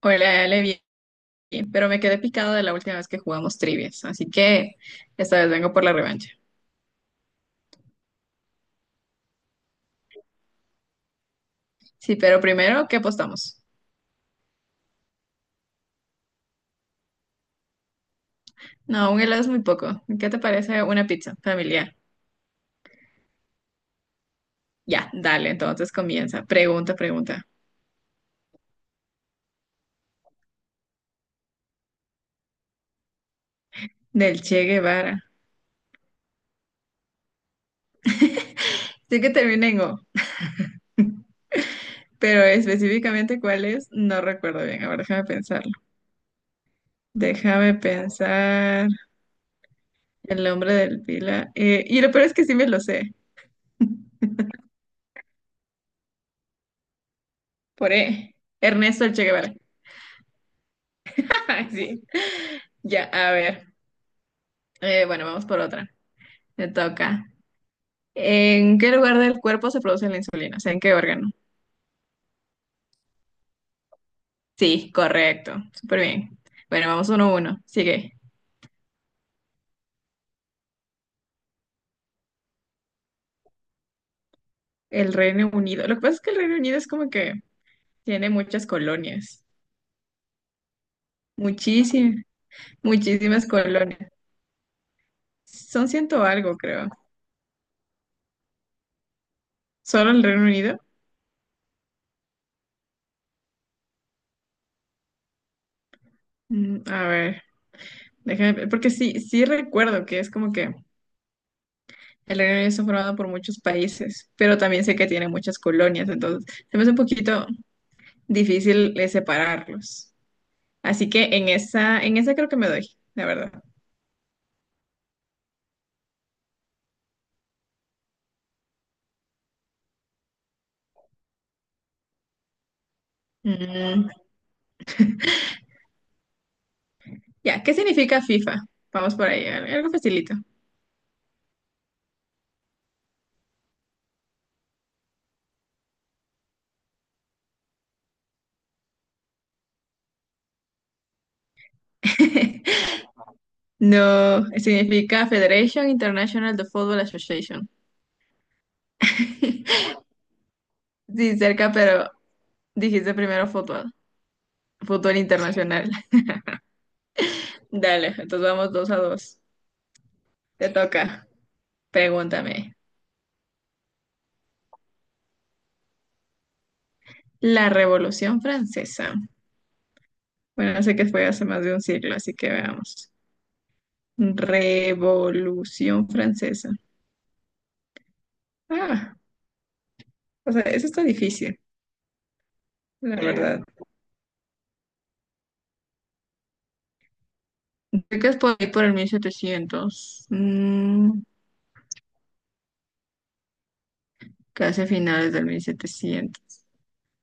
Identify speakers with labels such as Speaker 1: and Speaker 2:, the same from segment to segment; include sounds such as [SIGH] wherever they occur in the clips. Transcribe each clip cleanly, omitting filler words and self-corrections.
Speaker 1: Hola, Ale, bien, pero me quedé picado de la última vez que jugamos trivias, así que esta vez vengo por la revancha. Sí, pero primero, ¿qué apostamos? No, un helado es muy poco. ¿Qué te parece una pizza familiar? Ya, dale, entonces comienza. Pregunta, pregunta. Del Che Guevara. Sí que termina en O, pero específicamente cuál es, no recuerdo bien. A ver, déjame pensarlo. Déjame pensar el nombre del pila. Y lo peor es que sí me lo sé. Por E. Ernesto el Che Guevara. [LAUGHS] Sí. Ya, a ver. Bueno, vamos por otra. Me toca. ¿En qué lugar del cuerpo se produce la insulina? O sea, ¿en qué órgano? Sí, correcto. Súper bien. Bueno, vamos uno a uno. Sigue. El Reino Unido. Lo que pasa es que el Reino Unido es como que tiene muchas colonias. Muchísimas, muchísimas colonias. Son ciento algo, creo. ¿Solo el Reino Unido? Mm, a ver, déjame, ver, porque sí, sí recuerdo que es como que el Reino Unido está formado por muchos países, pero también sé que tiene muchas colonias, entonces se me hace un poquito difícil separarlos. Así que en esa creo que me doy, la verdad. Mm, ya, ¿qué significa FIFA? Vamos por ahí, algo facilito. [LAUGHS] No, significa Federation International de Football Association. Sí, cerca, pero dijiste primero fútbol, fútbol internacional. [LAUGHS] Dale, entonces vamos dos a dos. Te toca, pregúntame. La Revolución Francesa. Bueno, sé que fue hace más de un siglo, así que veamos. Revolución Francesa. Ah, o sea, eso está difícil, la Sí. verdad. Creo que es por ahí por el 1700, casi a finales del 1700.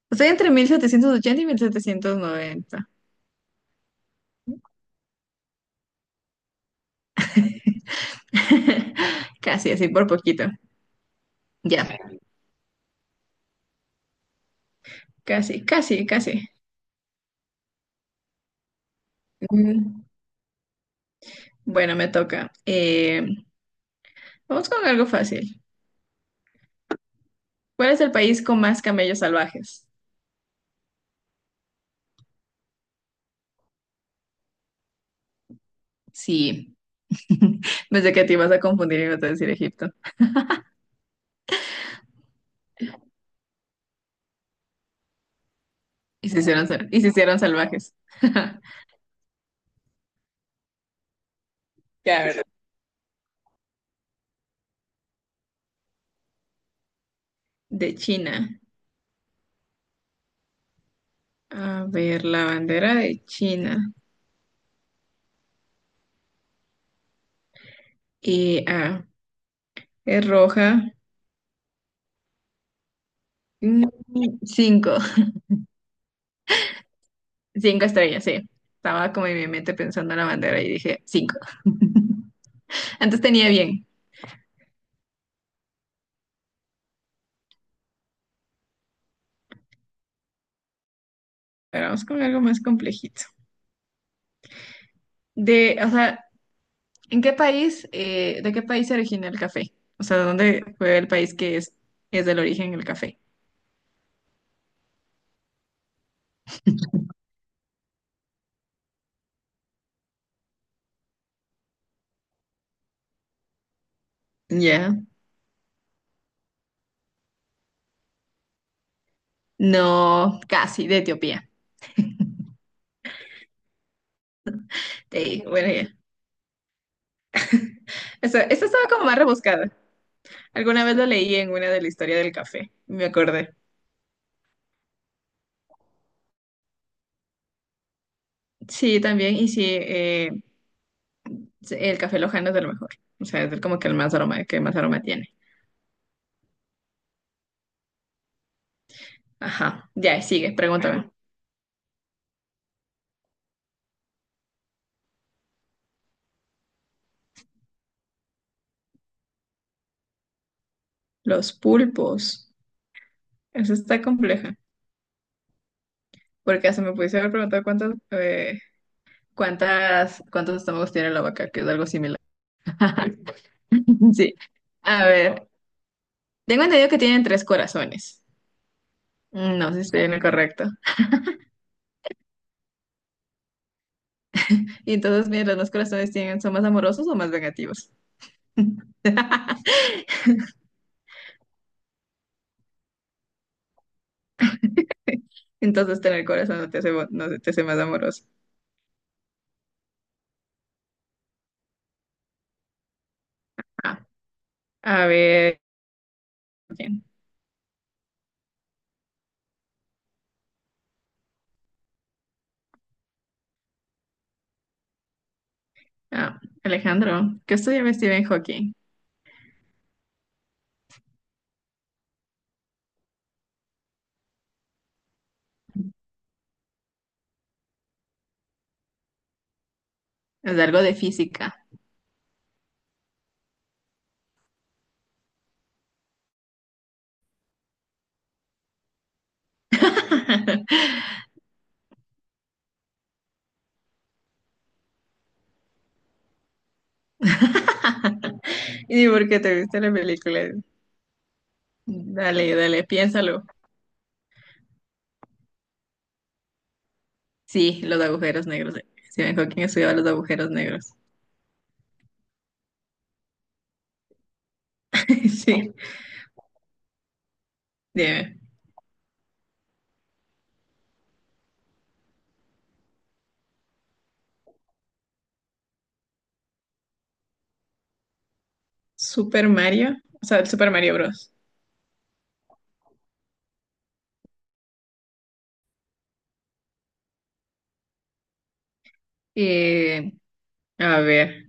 Speaker 1: Estoy entre 1780 y 1790. [LAUGHS] Casi, así por poquito. Ya, casi, casi, casi. Mm, bueno, me toca. Vamos con algo fácil. ¿Cuál es el país con más camellos salvajes? Sí, [LAUGHS] pensé que te ibas a confundir y ibas a decir Egipto. Y se hicieron, y se hicieron salvajes. [LAUGHS] Ya, de China. A ver, la bandera de China. Y ah, es roja. Mm, cinco. Cinco estrellas, sí. Estaba como en mi mente pensando en la bandera y dije cinco. [LAUGHS] Antes tenía bien, pero vamos con algo más complejito. De, o sea, ¿en qué país, de qué país se origina el café? O sea, ¿dónde fue el país que es del origen el café? Ya. No, casi, de Etiopía. Sí, bueno, ya. Esta estaba como más rebuscada. Alguna vez lo leí en una de la historia del café, me acordé. Sí, también, y sí, sí, el café lojano es de lo mejor. O sea, como que el más aroma, que más aroma tiene. Ajá, ya, sigue, pregúntame. Los pulpos. Eso está compleja. Porque hasta me pudiste haber preguntado cuántas, cuántos estómagos tiene la vaca, que es algo similar. [LAUGHS] Sí. A ver, tengo entendido que tienen tres corazones. No sé si estoy en lo correcto. Y entonces, mira, ¿los dos corazones tienen, son más amorosos o más vengativos? Entonces tener corazón no te hace, no te hace más amoroso. Ah, a ver, ¿quién? Ah, Alejandro, ¿qué estudiaba Stephen Hawking? Es algo de física. [LAUGHS] ¿Y por qué te viste la película? Dale, dale, piénsalo. Sí, los agujeros negros. Stephen Hawking estudiaba los agujeros negros. [LAUGHS] Sí, dime. Super Mario, o sea, el Super Mario Bros. Eh, a ver.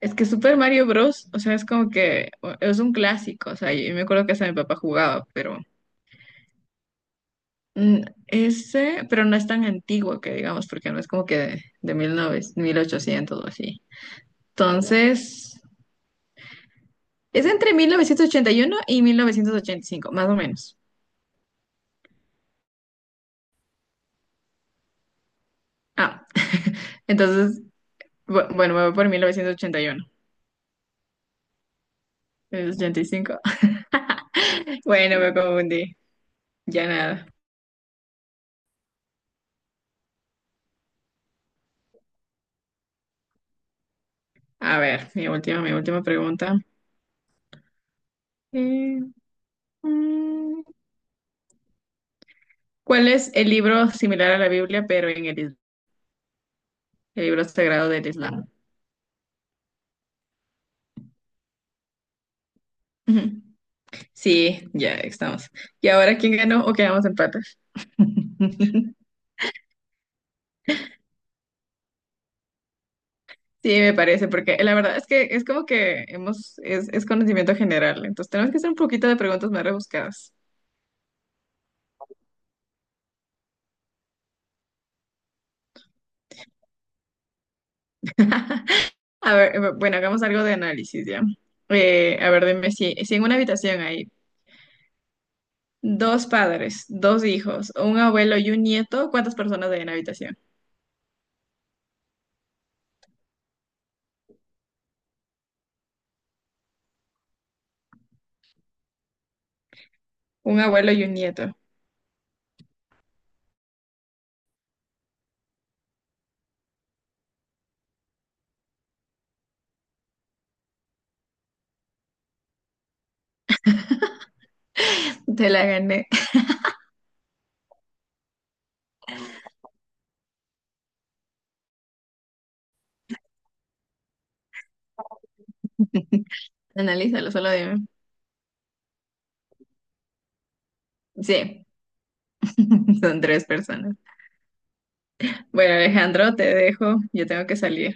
Speaker 1: Es que Super Mario Bros., o sea, es como que es un clásico, o sea, yo me acuerdo que hasta mi papá jugaba, pero mm, ese, pero no es tan antiguo que digamos, porque no es como que de 1800 o así. Entonces, es entre 1981 y 1985 más o menos. Ah, [LAUGHS] entonces, bueno, me voy por 1980 ochenta y uno 85. [LAUGHS] Bueno, me confundí, ya nada. A ver, mi última pregunta. Eh, mm, ¿Cuál es el libro similar a la Biblia, pero en el, el libro sagrado del Islam? Ujú. Sí, ya estamos. ¿Y ahora quién ganó o quedamos empates? [LAUGHS] Sí, me parece, porque la verdad es que es como que hemos, es conocimiento general, entonces tenemos que hacer un poquito de preguntas más rebuscadas. [LAUGHS] A ver, bueno, hagamos algo de análisis ya. A ver, dime si, si en una habitación hay dos padres, dos hijos, un abuelo y un nieto, ¿cuántas personas hay en la habitación? Un abuelo y un nieto. Te la gané. [LAUGHS] Analízalo, solo dime. Sí, [LAUGHS] son tres personas. Bueno, Alejandro, te dejo. Yo tengo que salir.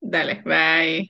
Speaker 1: Dale, bye.